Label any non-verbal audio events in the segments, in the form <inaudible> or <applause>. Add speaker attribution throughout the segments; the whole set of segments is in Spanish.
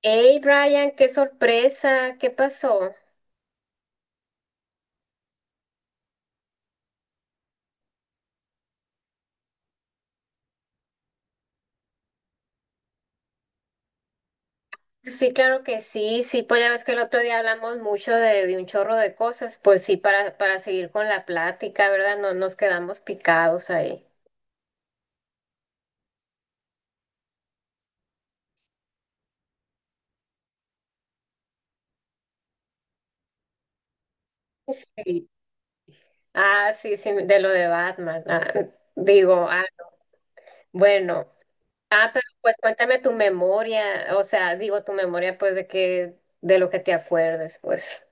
Speaker 1: Hey Brian, qué sorpresa, ¿qué pasó? Sí, claro que sí, sí, pues ya ves que el otro día hablamos mucho de un chorro de cosas, pues sí, para seguir con la plática, ¿verdad? No nos quedamos picados ahí. Sí. Ah, sí, sí, de lo de Batman. Digo, bueno, pero pues cuéntame tu memoria, o sea, digo tu memoria, pues de que, de lo que te acuerdes, pues.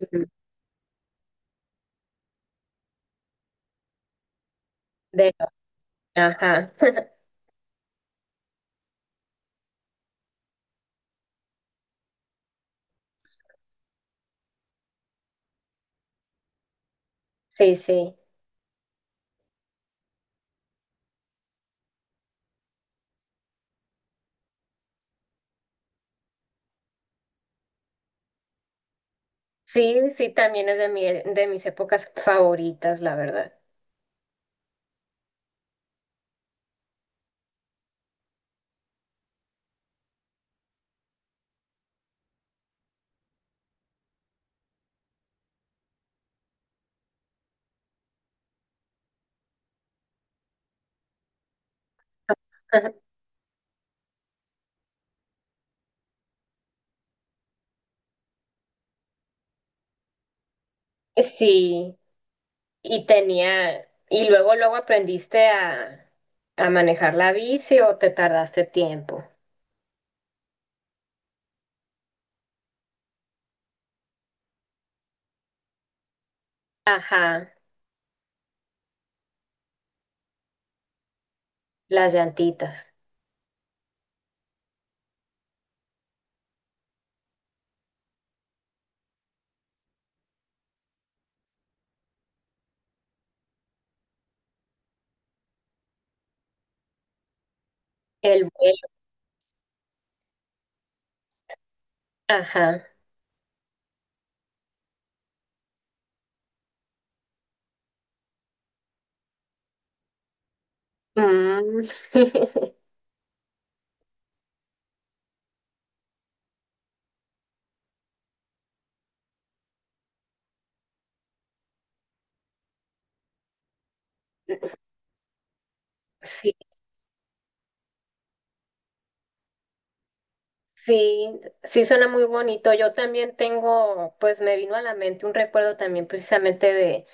Speaker 1: Ujú. De, ajá, <laughs> sí, sí. Sí, sí, también es de mis épocas favoritas, la verdad. Ajá. Sí, y tenía, y luego, luego aprendiste a manejar la bici o te tardaste tiempo. Ajá, las llantitas, el vuelo, ajá. Mm. <laughs> Sí, sí, sí suena muy bonito. Yo también tengo, pues me vino a la mente un recuerdo también precisamente de.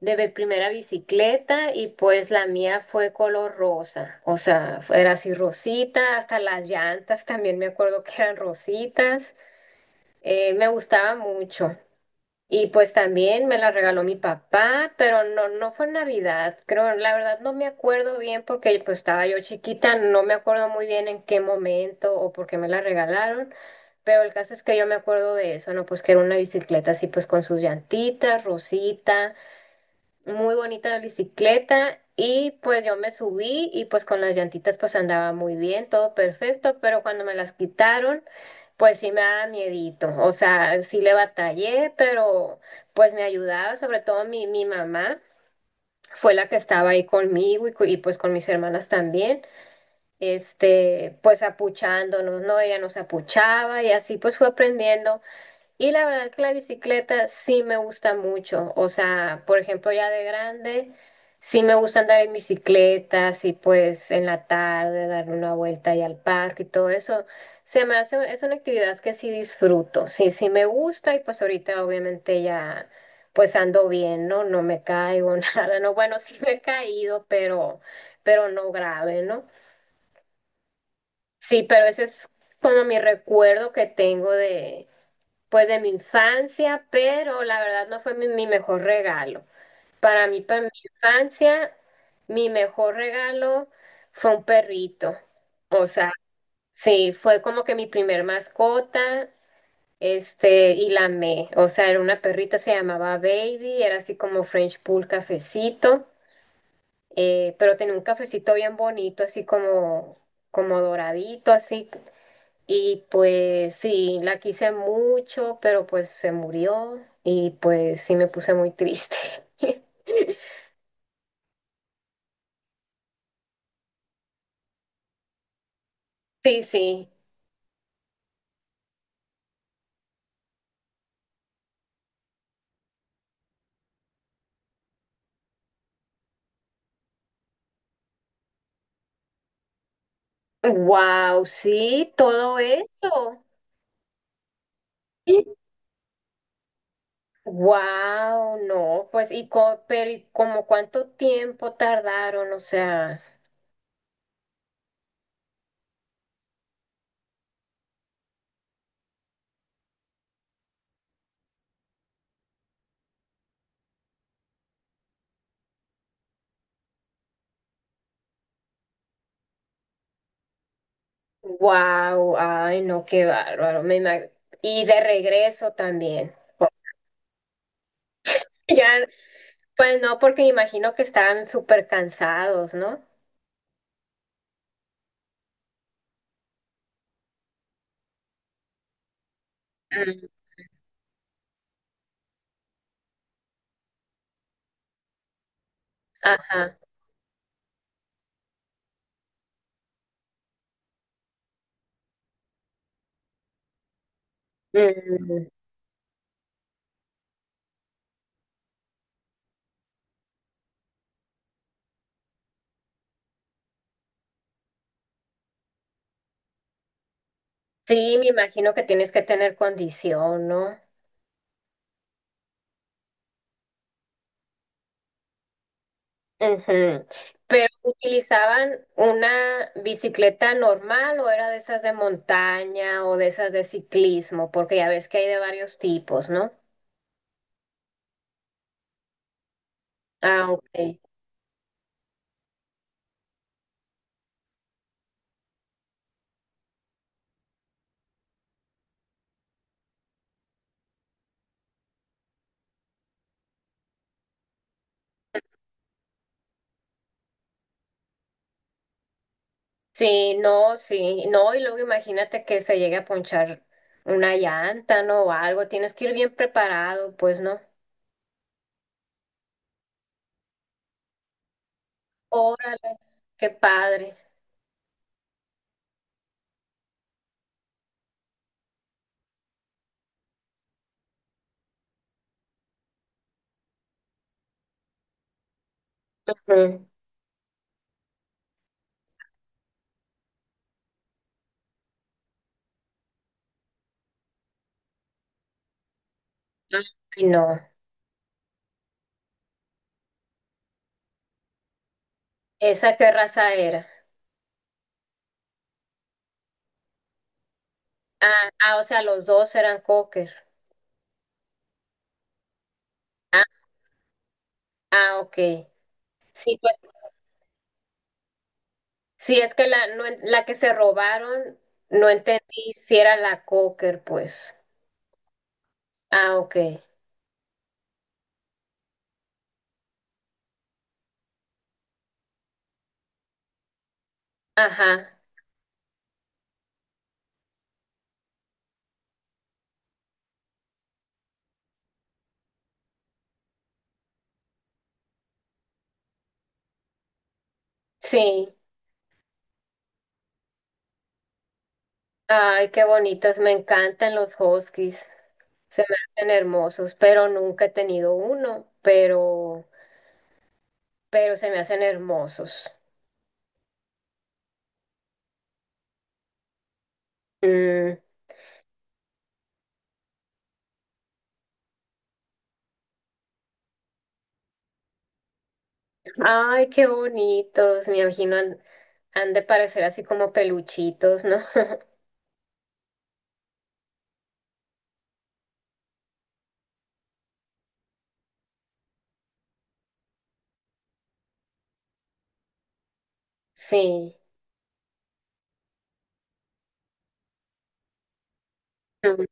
Speaker 1: de mi primera bicicleta. Y pues la mía fue color rosa, o sea, era así rosita, hasta las llantas también me acuerdo que eran rositas, me gustaba mucho. Y pues también me la regaló mi papá, pero no, no fue en Navidad, creo, la verdad no me acuerdo bien porque pues estaba yo chiquita, no me acuerdo muy bien en qué momento o por qué me la regalaron, pero el caso es que yo me acuerdo de eso, ¿no? Pues que era una bicicleta así pues con sus llantitas, rosita, muy bonita la bicicleta. Y pues yo me subí y pues con las llantitas pues andaba muy bien, todo perfecto, pero cuando me las quitaron pues sí me daba miedito, o sea, sí le batallé, pero pues me ayudaba, sobre todo mi mamá fue la que estaba ahí conmigo y, y, pues con mis hermanas también. Este, pues apuchándonos, ¿no? Ella nos apuchaba y así pues fue aprendiendo. Y la verdad que la bicicleta sí me gusta mucho. O sea, por ejemplo, ya de grande, sí me gusta andar en bicicleta, así pues en la tarde, darle una vuelta ahí al parque y todo eso. Se me hace, es una actividad que sí disfruto. Sí, sí me gusta y pues ahorita obviamente ya pues ando bien, ¿no? No me caigo, <laughs> nada, ¿no? Bueno, sí me he caído, pero no grave, ¿no? Sí, pero ese es como mi recuerdo que tengo de, pues de mi infancia, pero la verdad no fue mi mejor regalo. Para mí, para mi infancia, mi mejor regalo fue un perrito. O sea, sí, fue como que mi primer mascota, este, y la amé. O sea, era una perrita, se llamaba Baby, era así como French Pool cafecito, pero tenía un cafecito bien bonito, así como, como doradito, así. Y pues sí, la quise mucho, pero pues se murió y pues sí me puse muy triste. <laughs> Sí, sí. Wow, sí, todo eso. Wow, no, pues y pero y como cuánto tiempo tardaron, o sea. Wow, ay, no, qué bárbaro. ¿Y de regreso también? Ya, pues no, porque imagino que están súper cansados, ¿no? Mm. Ajá. Mm. Sí, me imagino que tienes que tener condición, ¿no? Ujú. Pero ¿utilizaban una bicicleta normal o era de esas de montaña o de esas de ciclismo? Porque ya ves que hay de varios tipos, ¿no? Ah, ok. Sí, no, sí, no, y luego imagínate que se llegue a ponchar una llanta, ¿no? O algo, tienes que ir bien preparado, pues, ¿no? Órale, qué padre. Ujú. Ay, no. ¿Esa qué raza era? Ah, ah, o sea, los dos eran cocker. Ah, ah, ok. Sí, pues, sí, es que no en- la que se robaron, no entendí si era la cocker, pues. Ah, ok. Ajá, sí. Ay, qué bonitos. Me encantan los huskies. Se me hacen hermosos, pero nunca he tenido uno, pero se me hacen hermosos. Mm. Ay, qué bonitos, me imagino han de parecer así como peluchitos, ¿no? <laughs> Sí, mm,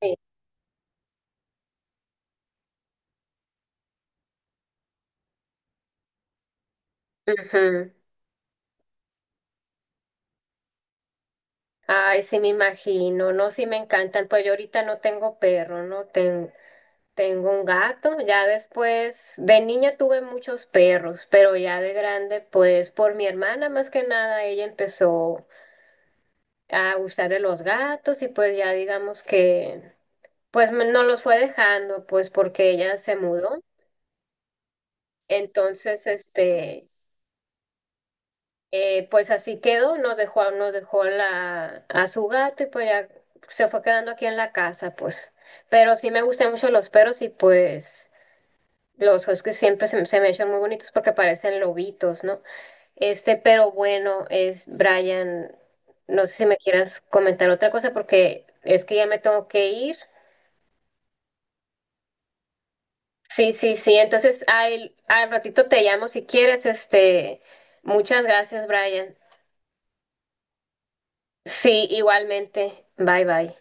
Speaker 1: sí. Ujú. Ay, sí, me imagino, no, sí me encantan. Pues yo ahorita no tengo perro, ¿no? Tengo un gato. Ya después, de niña tuve muchos perros, pero ya de grande, pues por mi hermana más que nada, ella empezó a gustarle los gatos y pues ya digamos que, pues no los fue dejando, pues porque ella se mudó. Entonces, este, pues así quedó, nos dejó, a su gato y pues ya se fue quedando aquí en la casa, pues. Pero sí me gustan mucho los perros y pues los huskies siempre me se me echan muy bonitos porque parecen lobitos, ¿no? Este, pero bueno, es Brian, no sé si me quieras comentar otra cosa porque es que ya me tengo que ir. Sí, sí, sí, entonces al ratito te llamo si quieres, este, muchas gracias, Brian. Sí, igualmente. Bye bye.